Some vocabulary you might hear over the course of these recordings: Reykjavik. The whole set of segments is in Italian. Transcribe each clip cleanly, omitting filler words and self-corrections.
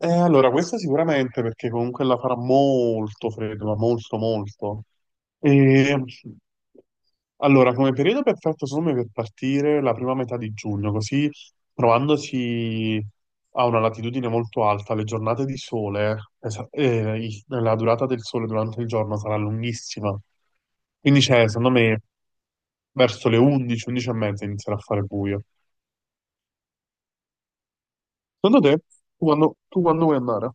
Questa sicuramente perché comunque la farà molto freddo, ma molto molto. E allora, come periodo perfetto secondo me per partire la prima metà di giugno, così trovandosi a una latitudine molto alta, le giornate di sole, la durata del sole durante il giorno sarà lunghissima. Quindi c'è, secondo me, verso le 11, 11 e mezza inizierà a fare buio. Secondo te, tu quando vuoi andare?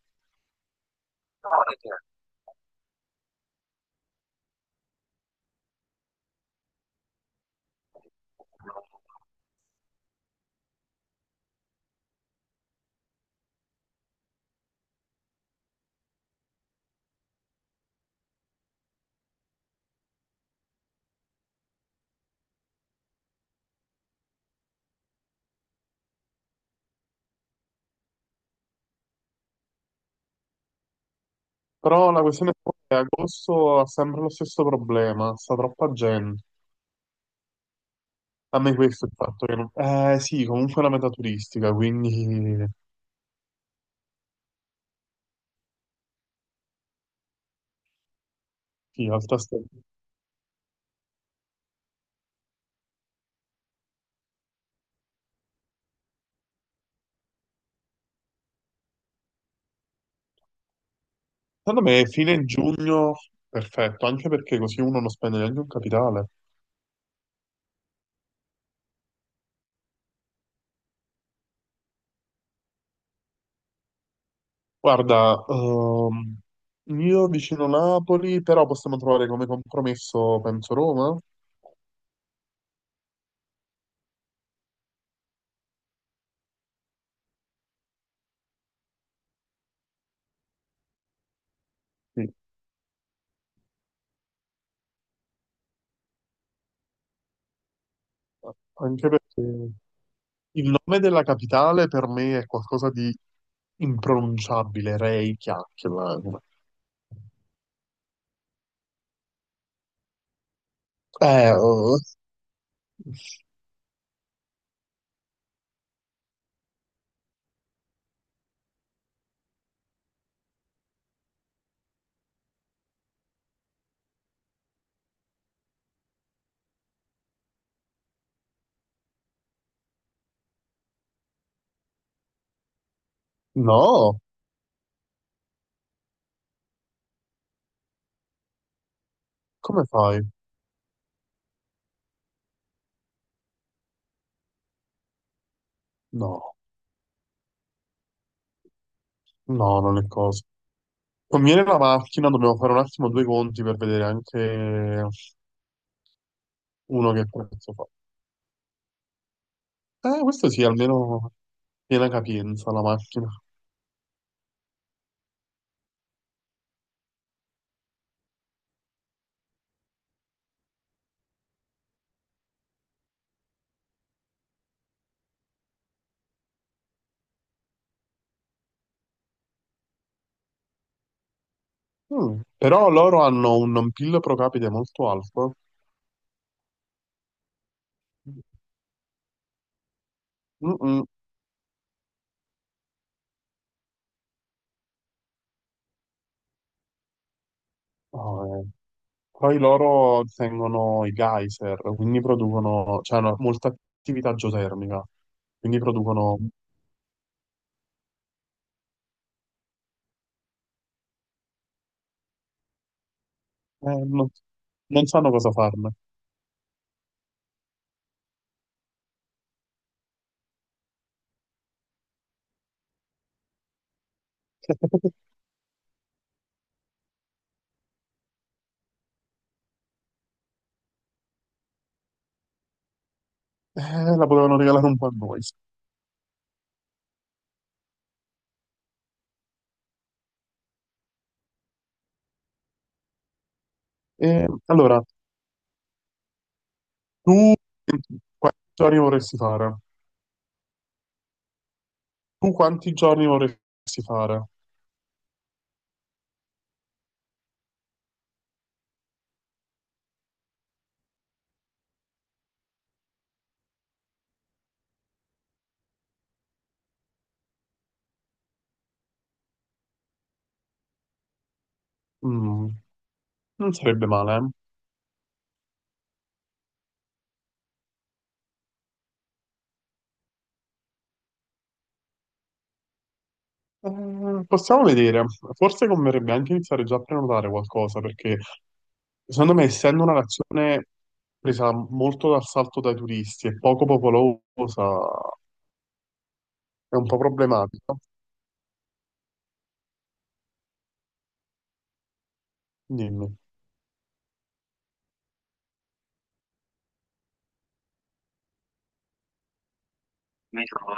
Però la questione è che agosto ha sempre lo stesso problema, sta troppa gente. A me questo è il fatto che non... Eh sì, comunque è una meta turistica, quindi sì, alta stagione. Secondo me fine giugno, perfetto, anche perché così uno non spende neanche un capitale. Guarda, io vicino Napoli, però possiamo trovare come compromesso, penso, Roma. Sì, anche perché il nome della capitale per me è qualcosa di impronunciabile, Reykjavik. Oh, no, come fai? No, no, non è cosa. Conviene la macchina, dobbiamo fare un attimo due conti per vedere anche uno che prezzo fa. Questo sì, almeno piena capienza la macchina. Mm, però loro hanno un PIL pro capite molto alto. Mm-mm. Oh, eh. Poi loro tengono i geyser, quindi producono, cioè hanno molta attività geotermica, quindi producono, eh, non, non sanno cosa farne. La potevano regalare un po' a noi. Eh, allora, tu quanti giorni vorresti fare? Tu quanti giorni vorresti fare? Mm, non sarebbe male, eh. Possiamo vedere. Forse converrebbe anche iniziare già a prenotare qualcosa, perché secondo me, essendo una nazione presa molto d'assalto dai turisti e poco popolosa, è un po' problematica. Dimmi.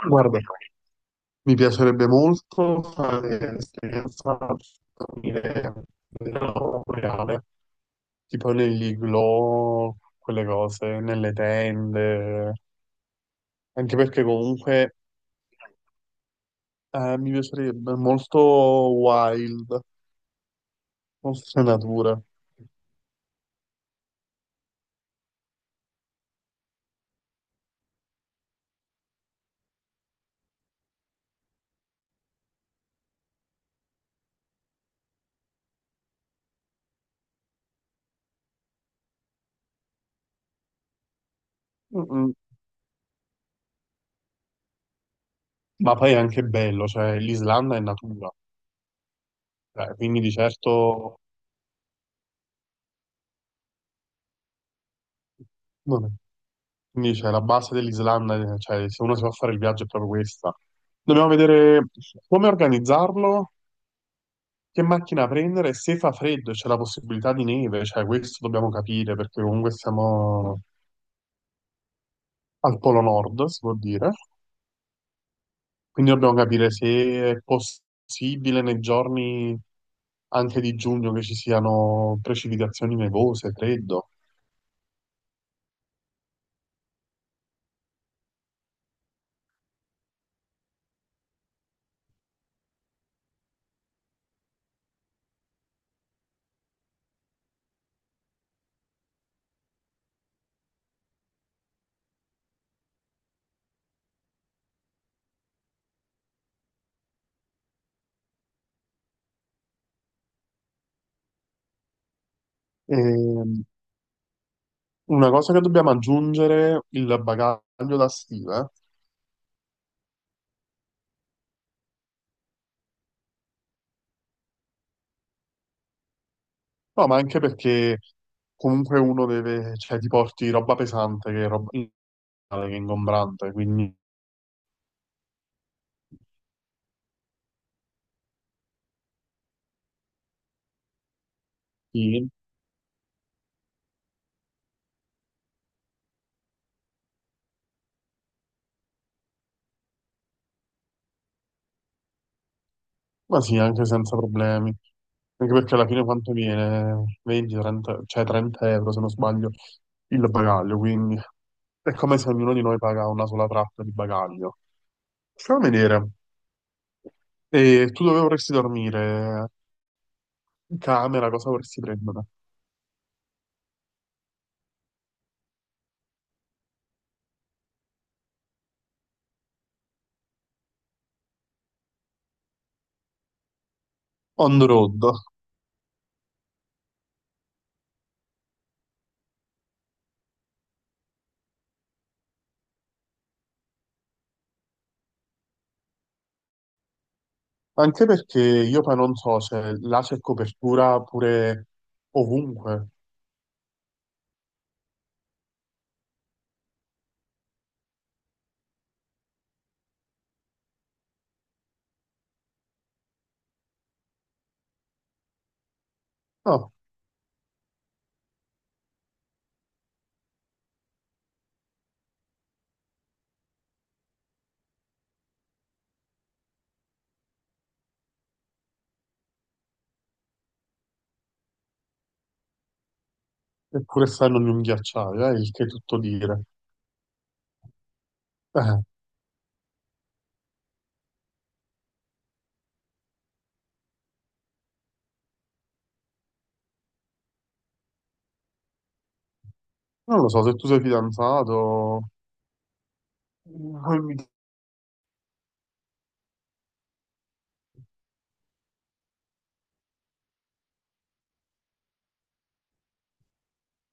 Guarda. Mi piacerebbe molto fare un'esperienza come nella reale, tipo negli igloo, quelle cose, nelle tende, anche perché comunque mi piacerebbe molto wild, molte natura. Mm, ma poi è anche bello, cioè l'Islanda è natura, cioè, quindi di certo non è. Quindi c'è la base dell'Islanda, cioè se uno si va a fare il viaggio è proprio questa. Dobbiamo vedere come organizzarlo, che macchina prendere, se fa freddo e c'è la possibilità di neve, cioè questo dobbiamo capire perché comunque siamo al Polo Nord, si può dire. Quindi dobbiamo capire se è possibile nei giorni anche di giugno che ci siano precipitazioni nevose, freddo. E una cosa che dobbiamo aggiungere, il bagaglio da stiva. No, ma anche perché comunque uno deve, cioè ti porti roba pesante che è ingombrante, quindi sì, ma sì, anche senza problemi. Anche perché alla fine quanto viene? 20, 30, cioè 30 euro se non sbaglio il bagaglio, quindi è come se ognuno di noi paga una sola tratta di bagaglio. Stiamo a vedere, e tu dove vorresti dormire? In camera, cosa vorresti prendere? On the road. Anche perché io poi non so se là c'è copertura pure ovunque. No, eppure stanno in un ghiacciaio, il che è tutto dire. Eh, non lo so, se tu sei fidanzato, noi mi-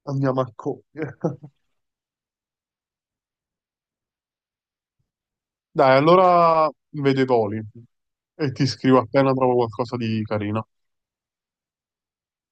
andiamo a cogliere. Dai, allora vedo i voli e ti scrivo appena trovo qualcosa di carino.